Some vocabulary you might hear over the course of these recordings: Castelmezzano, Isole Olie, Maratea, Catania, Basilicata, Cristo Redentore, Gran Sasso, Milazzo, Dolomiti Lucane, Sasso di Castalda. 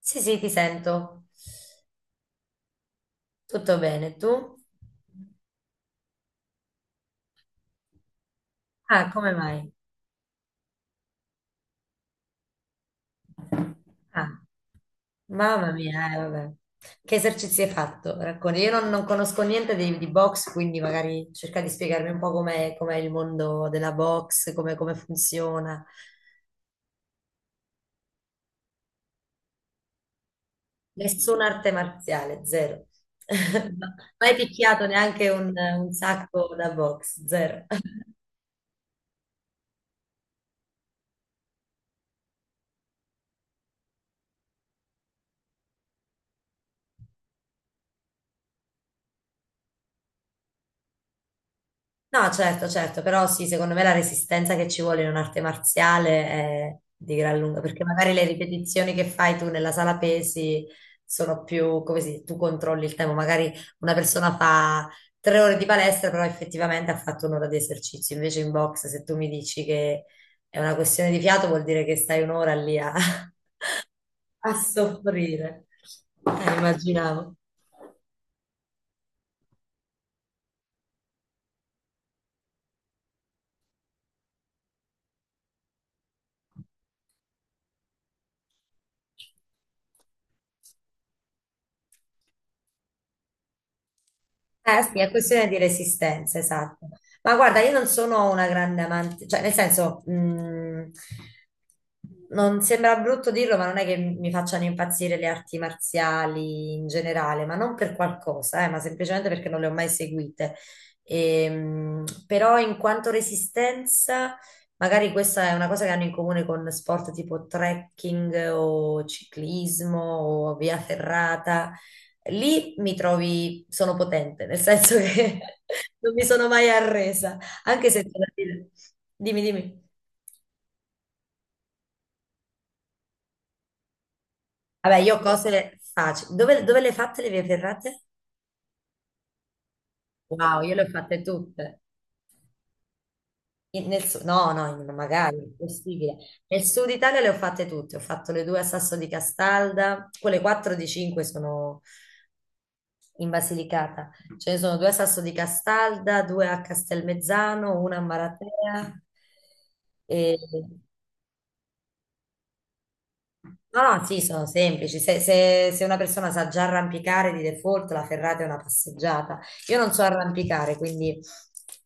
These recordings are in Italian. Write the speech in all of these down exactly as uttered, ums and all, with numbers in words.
Sì, sì, ti sento. Tutto bene, tu? Ah, come mai? Ah, mamma mia, eh, vabbè. Che esercizi hai fatto? Racconti. Io non, non conosco niente di, di box, quindi magari cerca di spiegarmi un po' com'è com'è il mondo della box, come, come funziona. Nessuna arte marziale, zero. Mai picchiato neanche un, un sacco da box, zero. No, certo, certo, però sì, secondo me la resistenza che ci vuole in un'arte marziale è di gran lunga, perché magari le ripetizioni che fai tu nella sala pesi sono più, come si dice, tu controlli il tempo, magari una persona fa tre ore di palestra, però effettivamente ha fatto un'ora di esercizio, invece in box se tu mi dici che è una questione di fiato vuol dire che stai un'ora lì a, a soffrire, eh, immaginavo. Eh sì, è questione di resistenza, esatto. Ma guarda, io non sono una grande amante, cioè nel senso, mh, non sembra brutto dirlo, ma non è che mi facciano impazzire le arti marziali in generale, ma non per qualcosa, eh, ma semplicemente perché non le ho mai seguite. E, mh, però in quanto resistenza, magari questa è una cosa che hanno in comune con sport tipo trekking o ciclismo o via ferrata. Lì mi trovi, sono potente, nel senso che non mi sono mai arresa, anche se, c'è da dire- Dimmi, dimmi. Vabbè, io ho cose facili. Dove, dove le hai fatte le vie ferrate? Wow, io le ho fatte tutte. In- nel su- no, no, in- magari, impossibile. Nel sud Italia le ho fatte tutte. Ho fatto le due a Sasso di Castalda, quelle quattro di cinque sono in Basilicata. Ce ne sono due a Sasso di Castalda, due a Castelmezzano, una a Maratea. E No, no, sì, sono semplici. Se, se- se una persona sa già arrampicare di default, la ferrata è una passeggiata. Io non so arrampicare, quindi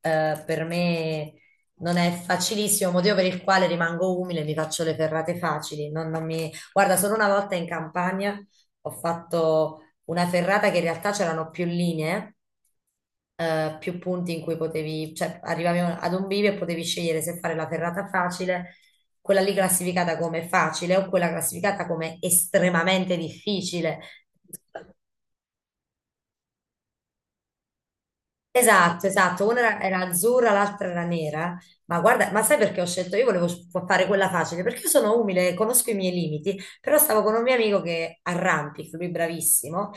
eh, per me non è facilissimo, motivo per il quale rimango umile, mi faccio le ferrate facili. Non- non mi- Guarda, solo una volta in campagna ho fatto una ferrata che in realtà c'erano più linee, eh, più punti in cui potevi, cioè arrivavi ad un bivio e potevi scegliere se fare la ferrata facile, quella lì classificata come facile o quella classificata come estremamente difficile. Esatto, esatto, una era, era azzurra, l'altra era nera, ma guarda, ma sai perché ho scelto? Io volevo s- fare quella facile, perché io sono umile, conosco i miei limiti, però stavo con un mio amico che arrampica, lui bravissimo,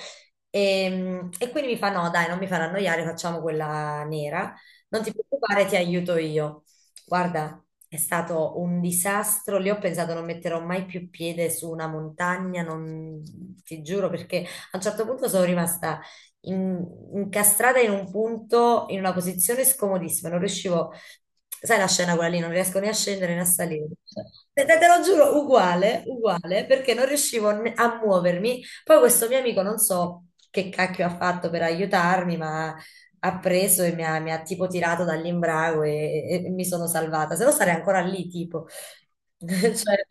e, e quindi mi fa no, dai, non mi farà annoiare, facciamo quella nera, non ti preoccupare, ti aiuto io. Guarda, è stato un disastro, lì ho pensato non metterò mai più piede su una montagna, non ti giuro, perché a un certo punto sono rimasta in- incastrata in un punto, in una posizione scomodissima, non riuscivo, sai la scena quella lì, non riesco né a scendere né a salire. Te, te- te lo giuro, uguale, uguale, perché non riuscivo ne- a muovermi. Poi questo mio amico, non so che cacchio ha fatto per aiutarmi, ma ha preso e mi ha, mi ha tipo tirato dall'imbrago e, e- e mi sono salvata, se no sarei ancora lì, tipo. Cioè.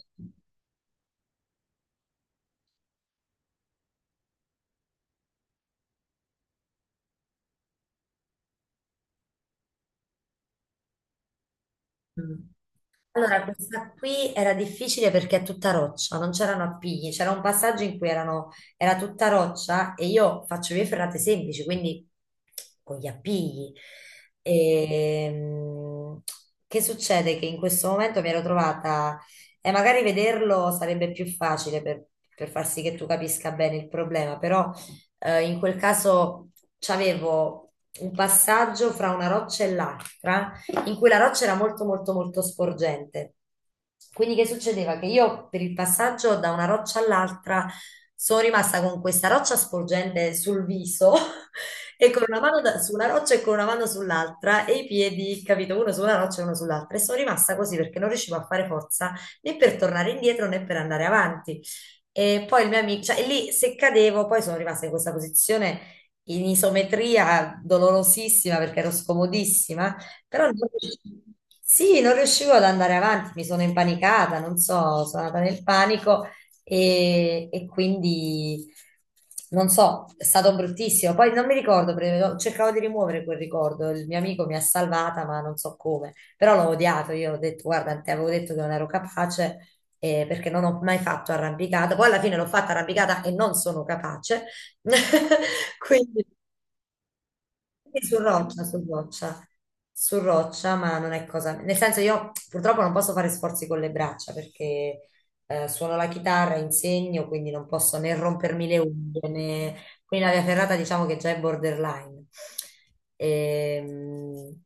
Mm. Allora, questa qui era difficile perché è tutta roccia, non c'erano appigli, c'era un passaggio in cui erano- era tutta roccia e io faccio vie ferrate semplici, quindi con gli appigli. Ehm, che succede? Che in questo momento mi ero trovata, e magari vederlo sarebbe più facile per, per far sì che tu capisca bene il problema, però eh, in quel caso c'avevo un passaggio fra una roccia e l'altra in cui la roccia era molto molto molto sporgente. Quindi che succedeva? Che io per il passaggio da una roccia all'altra sono rimasta con questa roccia sporgente sul viso e con una mano da- su una roccia e con una mano sull'altra e i piedi, capito, uno su una roccia e uno sull'altra. E sono rimasta così perché non riuscivo a fare forza né per tornare indietro né per andare avanti. E poi il mio amico, cioè lì se cadevo, poi sono rimasta in questa posizione in isometria dolorosissima perché ero scomodissima, però non riuscivo, sì, non riuscivo ad andare avanti, mi sono impanicata, non so, sono andata nel panico e, e quindi non so, è stato bruttissimo. Poi non mi ricordo, perché cercavo di rimuovere quel ricordo, il mio amico mi ha salvata, ma non so come, però l'ho odiato, io ho detto, guarda, ti avevo detto che non ero capace. Eh, perché non ho mai fatto arrampicata, poi alla fine l'ho fatta arrampicata e non sono capace, quindi sì, su roccia, su roccia, su roccia, ma non è cosa. Nel senso, io purtroppo non posso fare sforzi con le braccia perché eh, suono la chitarra, insegno, quindi non posso né rompermi le unghie né. Quindi la via ferrata diciamo che già è borderline. Ehm,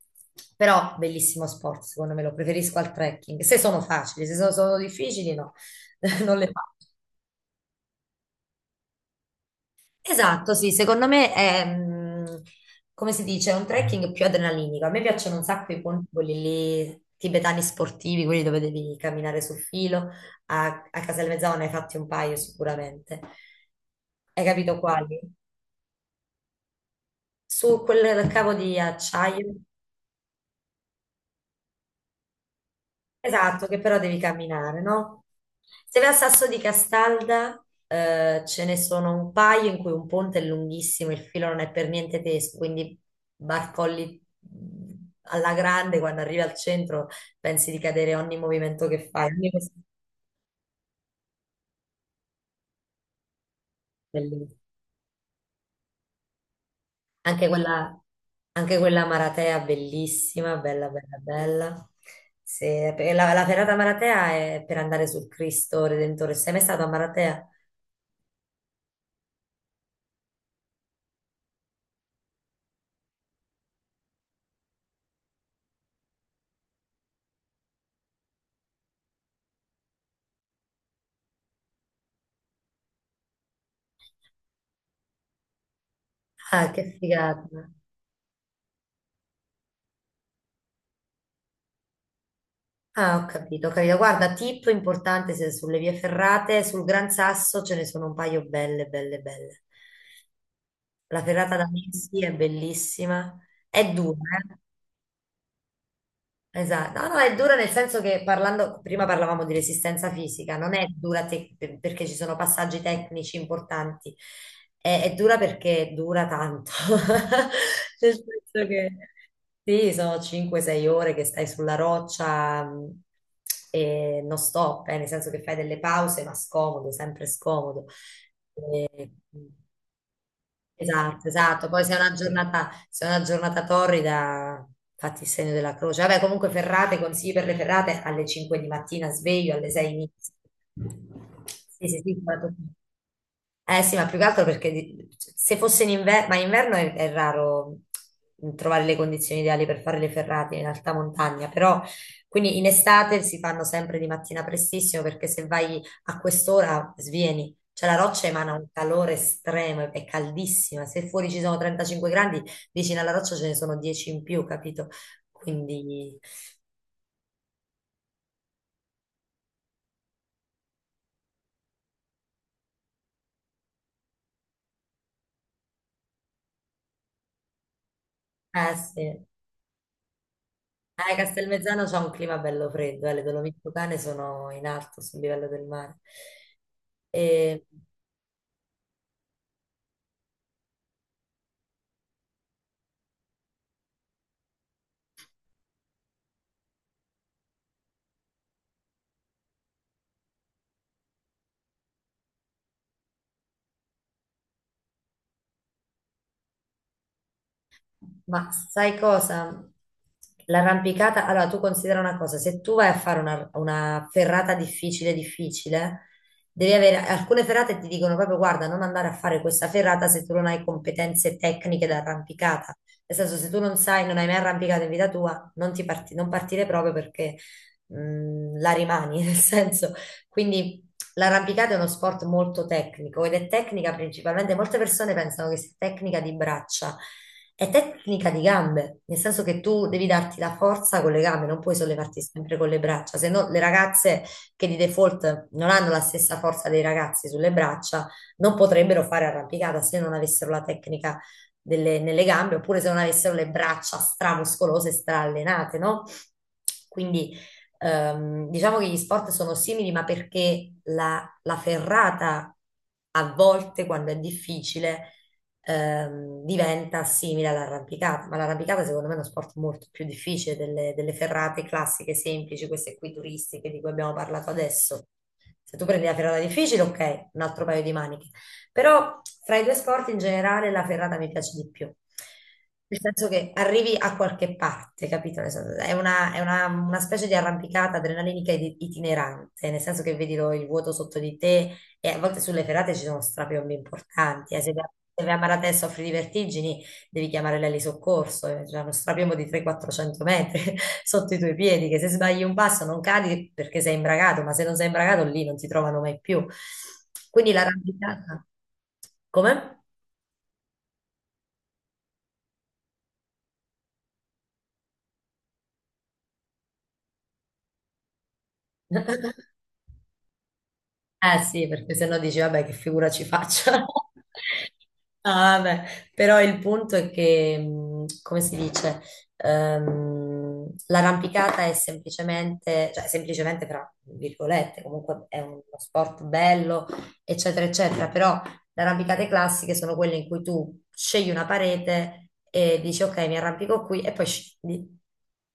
Però bellissimo sport, secondo me lo preferisco al trekking. Se sono facili, se sono, sono difficili, no, non le faccio. Esatto, sì, secondo me è, mm, come si dice, è un trekking più adrenalinico. A me piacciono un sacco i ponti, quelli lì, tibetani sportivi, quelli dove devi camminare sul filo. A, a Casal ne hai fatti un paio sicuramente. Hai capito quali? Su quel cavo di acciaio. Esatto, che però devi camminare, no? Se vai a Sasso di Castalda, eh, ce ne sono un paio in cui un ponte è lunghissimo, il filo non è per niente teso, quindi barcolli, mh, alla grande. Quando arrivi al centro pensi di cadere ogni movimento che fai, ogni cosa è bellissima. Anche quella, anche quella Maratea bellissima, bella, bella, bella. Se- perché la, la ferrata Maratea è per andare sul Cristo Redentore. Sei mai stato a Maratea? Ah, che figata! Ah, ho capito, ho capito. Guarda, tip importante se sulle vie ferrate, sul Gran Sasso ce ne sono un paio belle, belle, belle. La ferrata da Messi è bellissima, è dura, eh? Esatto, no, no, è dura nel senso che parlando, prima parlavamo di resistenza fisica, non è dura te- per- perché ci sono passaggi tecnici importanti, è, è dura perché dura tanto, nel senso che sì, sono cinque sei ore che stai sulla roccia, mh, e non stop, eh, nel senso che fai delle pause, ma scomodo, sempre scomodo. E- mm, Esatto, esatto. Poi se è una giornata, se è una giornata torrida, fatti il segno della croce. Vabbè, comunque ferrate, consigli per le ferrate alle cinque di mattina, sveglio, alle sei inizio. Sì, sì, sì, guarda. Eh sì, ma più che altro perché di- se fosse in inverno, ma in inverno è, è raro trovare le condizioni ideali per fare le ferrate in alta montagna, però quindi in estate si fanno sempre di mattina prestissimo perché se vai a quest'ora svieni, cioè la roccia emana un calore estremo, è caldissima. Se fuori ci sono trentacinque gradi, vicino alla roccia ce ne sono dieci in più, capito? Quindi, eh sì. Eh, Castelmezzano c'ha un clima bello freddo, eh, le Dolomiti Lucane sono in alto sul livello del mare. E- Ma sai cosa? L'arrampicata, allora tu considera una cosa, se tu vai a fare una, una ferrata difficile, difficile, devi avere alcune ferrate ti dicono proprio guarda, non andare a fare questa ferrata se tu non hai competenze tecniche da arrampicata. Nel senso, se tu non sai, non hai mai arrampicato in vita tua, non ti parti- non partire proprio perché mh, la rimani, nel senso. Quindi, l'arrampicata è uno sport molto tecnico ed è tecnica principalmente, molte persone pensano che sia tecnica di braccia, è tecnica di gambe, nel senso che tu devi darti la forza con le gambe, non puoi sollevarti sempre con le braccia, se no le ragazze che di default non hanno la stessa forza dei ragazzi sulle braccia non potrebbero fare arrampicata se non avessero la tecnica delle- nelle gambe oppure se non avessero le braccia stramuscolose, straallenate, no? Quindi, Ehm, diciamo che gli sport sono simili, ma perché la, la ferrata a volte, quando è difficile, ehm, diventa simile all'arrampicata. Ma l'arrampicata, secondo me, è uno sport molto più difficile delle, delle ferrate classiche, semplici, queste qui turistiche di cui abbiamo parlato adesso. Se tu prendi la ferrata difficile, ok, un altro paio di maniche. Però fra i due sport in generale la ferrata mi piace di più. Nel senso che arrivi a qualche parte, capito? Nel senso, È una, è una- una specie di arrampicata adrenalinica ed itinerante, nel senso che vedi lo- il vuoto sotto di te e a volte sulle ferrate ci sono strapiombi importanti. eh. Se vai se vai a Maratè soffri di vertigini, devi chiamare l'eli soccorso, eh, c'è uno strapiombo di trecento quattrocento metri sotto i tuoi piedi, che se sbagli un passo non cadi perché sei imbragato, ma se non sei imbragato lì non ti trovano mai più. Quindi l'arrampicata. Come? Eh sì, perché sennò dici, vabbè, che figura ci faccio? Ah, vabbè. Però il punto è che, mh, come si dice, ehm, l'arrampicata è semplicemente, cioè semplicemente fra virgolette, comunque è uno sport bello, eccetera, eccetera, però le arrampicate classiche sono quelle in cui tu scegli una parete e dici ok, mi arrampico qui e poi scendi.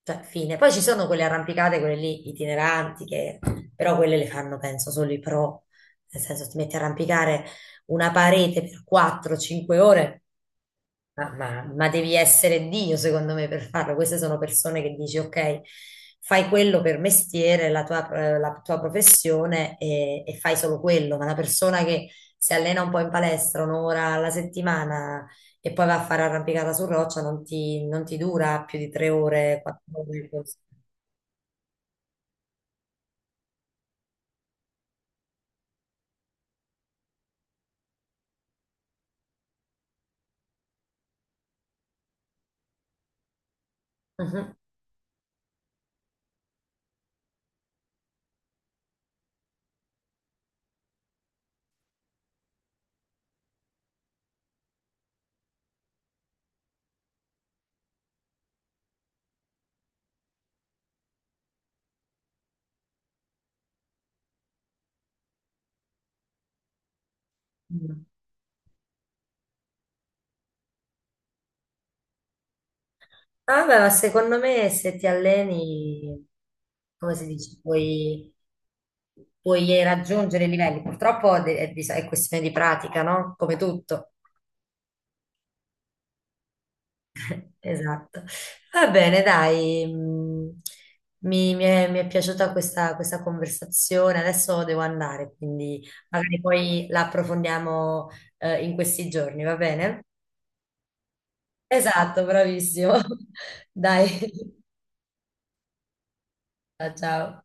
Cioè, fine. Poi ci sono quelle arrampicate, quelle lì itineranti, che però quelle le fanno, penso, solo i pro. Nel senso, ti metti a arrampicare una parete per quattro cinque ore, ma, ma- ma devi essere Dio, secondo me, per farlo. Queste sono persone che dici, ok, fai quello per mestiere, la tua, eh, la tua professione e, e fai solo quello. Ma una persona che si allena un po' in palestra un'ora alla settimana e poi va a fare arrampicata su roccia non ti, non ti dura più di tre ore, quattro ore. Così. Mhm. Ah, beh, ma secondo me se ti alleni, come si dice, puoi, puoi raggiungere i livelli. Purtroppo de- è, bis- è questione di pratica, no? Come tutto. Esatto. Va bene, dai. mm, Mi, mi è, mi è piaciuta questa, questa conversazione. Adesso devo andare, quindi magari poi la approfondiamo, eh, in questi giorni, va bene? Esatto, bravissimo. Dai, Ciao. Ciao.